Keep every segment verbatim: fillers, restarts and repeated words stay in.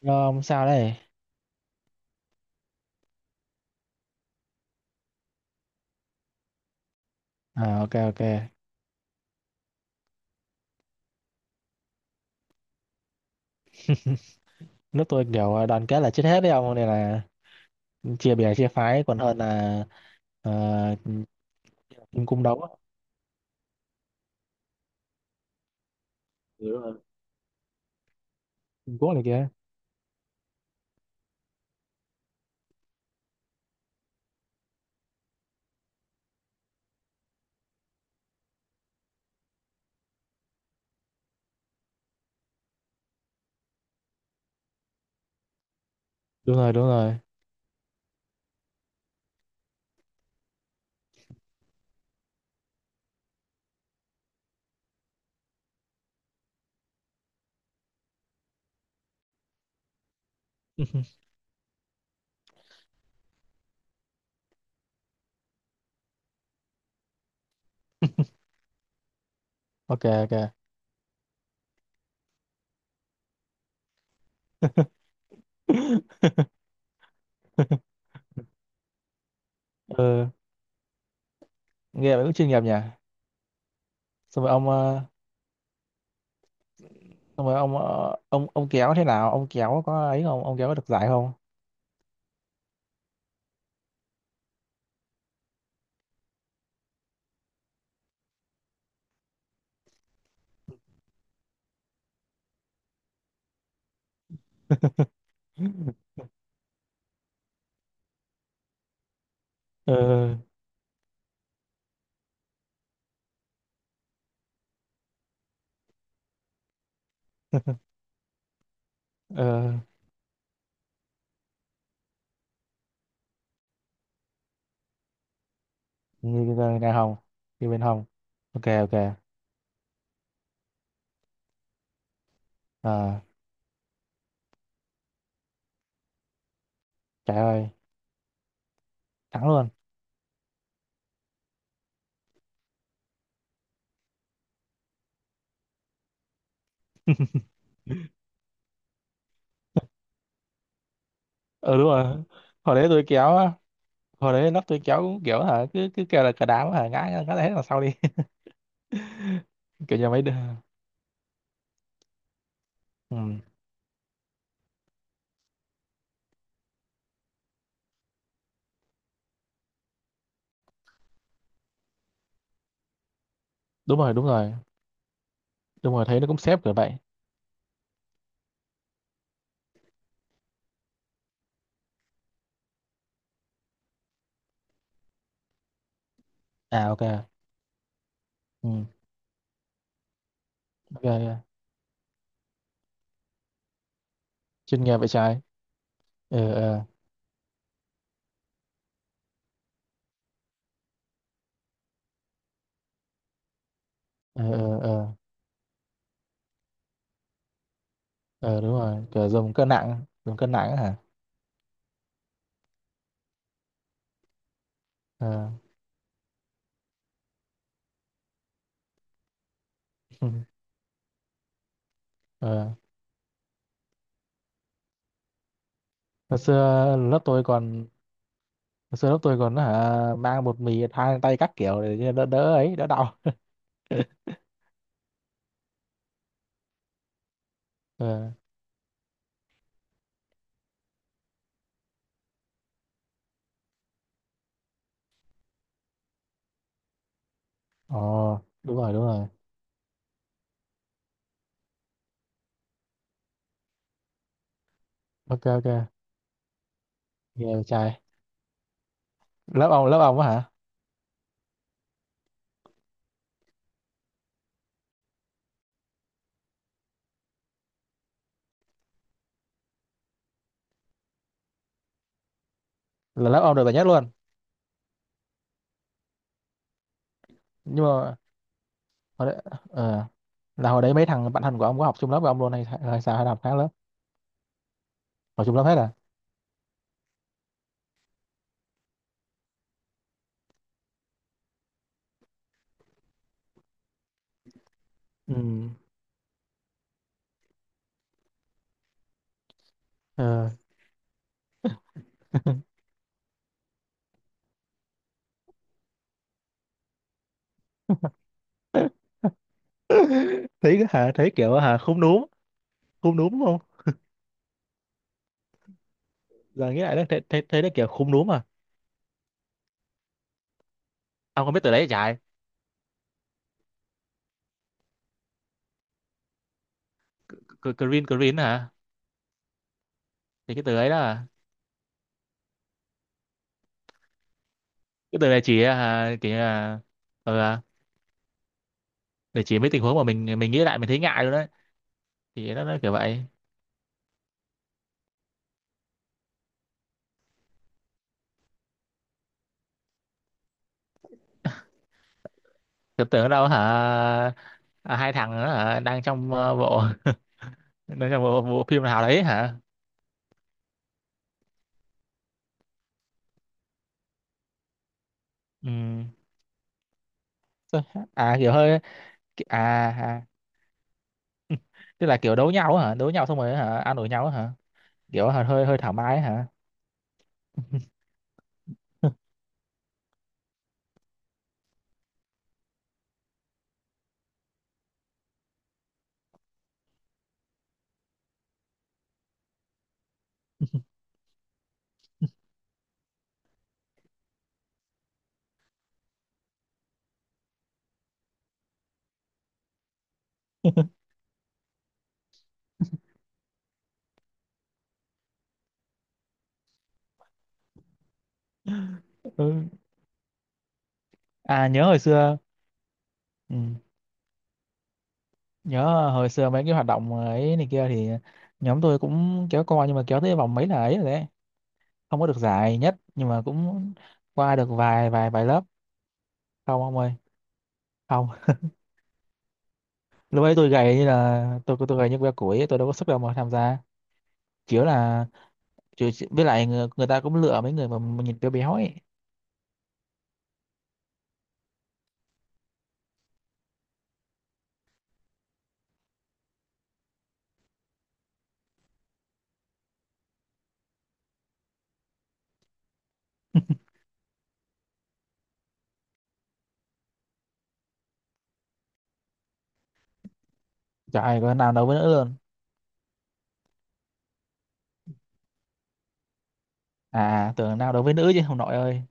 Rồi không sao đấy. À, ok ok. Nước tôi kiểu ờ, đoàn kết là chết hết đấy ông nên là chia bè chia phái còn hơn là ờ, kim cung đấu á. Ừ, đúng rồi. Trung Quốc này kia. Đúng rồi, đúng rồi. Ok ok. ừ, nghe vậy cũng chuyên nghiệp nhỉ. Xong rồi ông ờ, xong rồi ông ờ, ông ông kéo thế nào? Ông kéo có ấy không? Ông kéo có được giải không? ừ ừ, như cái này hồng, như bên hồng. Ok ok. À trời ơi, thắng luôn. Ừ đúng rồi, hồi đấy tôi kéo á, hồi đấy nó tôi kéo cũng kiểu hả cứ cứ kêu là cờ đám hả ngã ngã ngã hết vào sau đi. Kiểu như mấy đứa, ừ. Đúng rồi đúng rồi, đúng rồi thấy nó cũng xếp kiểu vậy. À ok, ừ. Ok ok. Chuyên nghiệp vậy trái, ờ ờ ờ, ờ ờ. Ờ, đúng rồi kiểu dùng cân nặng, dùng cân nặng á hả. Ờ ừ. Ờ, hồi xưa lớp tôi còn, hồi xưa lớp tôi còn hả mang bột mì thang tay các kiểu để cho đỡ đỡ ấy, đỡ đau. Ờ ồ đúng rồi, đúng rồi. Ok ok, nghe vậy trai. Lớp ông, lớp ông á hả, là lớp ông được giải nhất luôn. Nhưng mà hồi đấy, ờ, là hồi đấy mấy thằng bạn thân của ông có học chung lớp với ông luôn hay, hay sao hay là học khác lớp. Học chung lớp hết à. Ừ. Ờ. Thấy hả, thấy kiểu hả khúm núm, khúm núm đúng không, giờ nghĩ lại đó thấy thấy thấy nó kiểu khúm núm à. Ông có biết từ đấy chạy, green green hả, thì cái từ đấy đó à, cái từ này chỉ hả kiểu là ờ, để chỉ mấy tình huống mà mình mình nghĩ lại mình thấy ngại luôn đấy, thì nó, nó kiểu vậy. Tưởng tượng đâu hả, à, hai thằng đó hả đang trong ờ, bộ, nói là bộ, bộ phim nào đấy hả. Ừ. Tôi- à kiểu hơi, à, à tức là kiểu đấu nhau hả, đấu nhau xong rồi hả ăn đổi nhau hả, kiểu hả, hơi hơi thoải mái hả. Ừ. À nhớ hồi xưa, ừ, nhớ hồi xưa mấy cái hoạt động ấy này kia thì nhóm tôi cũng kéo co nhưng mà kéo tới vòng mấy là ấy rồi đấy, không có được giải nhất nhưng mà cũng qua được vài vài vài lớp. Không ông ơi, không. Lúc ấy tôi gầy như là tôi tôi gầy như que củi, tôi đâu có sức đâu mà tham gia, kiểu là chứ chứ- với lại người, người ta cũng lựa mấy người mà nhìn béo béo ấy. Chả ai có nào đấu với nữ luôn. À tưởng nào đấu với nữ chứ không nội ơi.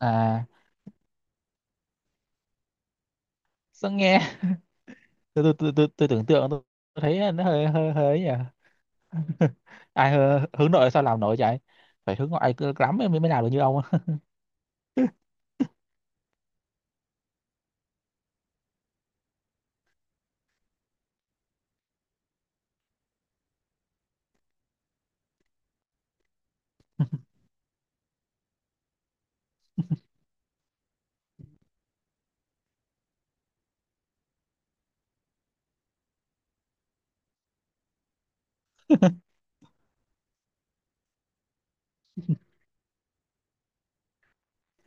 À sao nghe, tôi tôi tôi tôi, tôi tưởng tượng tôi thấy nó hơi hơi hơi ấy nhỉ. Ai hơ- hướng nội sao làm nổi trời, phải hướng ngoại cứ lắm mới mới nào được như ông á.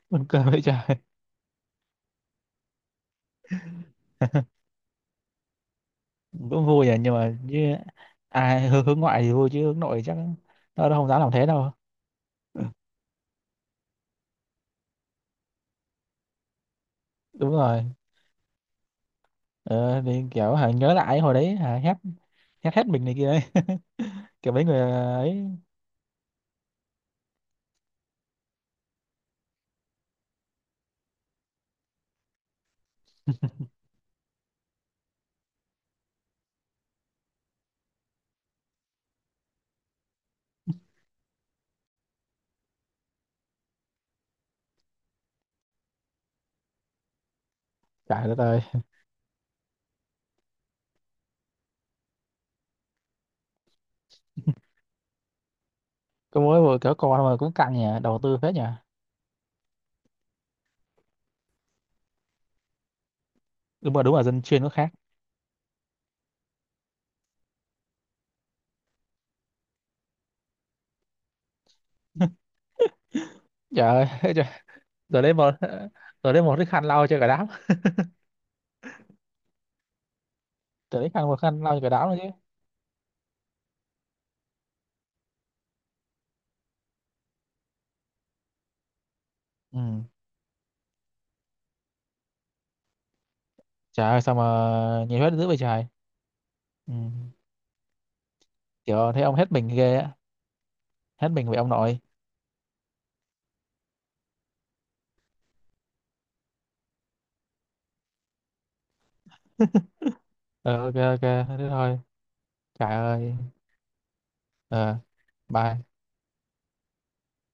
Buồn cười vậy trời. Cũng vui à nhưng mà như ai hướng, hướng ngoại thì vui chứ hướng nội chắc nó nó không dám làm thế đâu. Đúng rồi. Ờ, thì kiểu hả, nhớ lại hồi đấy hả, hét hét hết mình này kia ấy. Kiểu mấy người ấy. Trời đất ơi, có mới vừa kiểu con mà cũng căng nhỉ, đầu tư phết nhỉ. Đúng mà đúng là dân chuyên có khác. Trời ơi, trời, giờ lấy một giờ lấy một cái khăn lau cho cả đám. Giờ lấy khăn, một khăn lau cho cả đám rồi chứ. Ừ. Trời ơi sao mà nhiệt huyết dữ vậy trời. Ừ. Kiểu thấy ông hết mình ghê á, hết mình với ông nội. Ờ ok ok, thế thôi. Trời ơi. Ờ bye.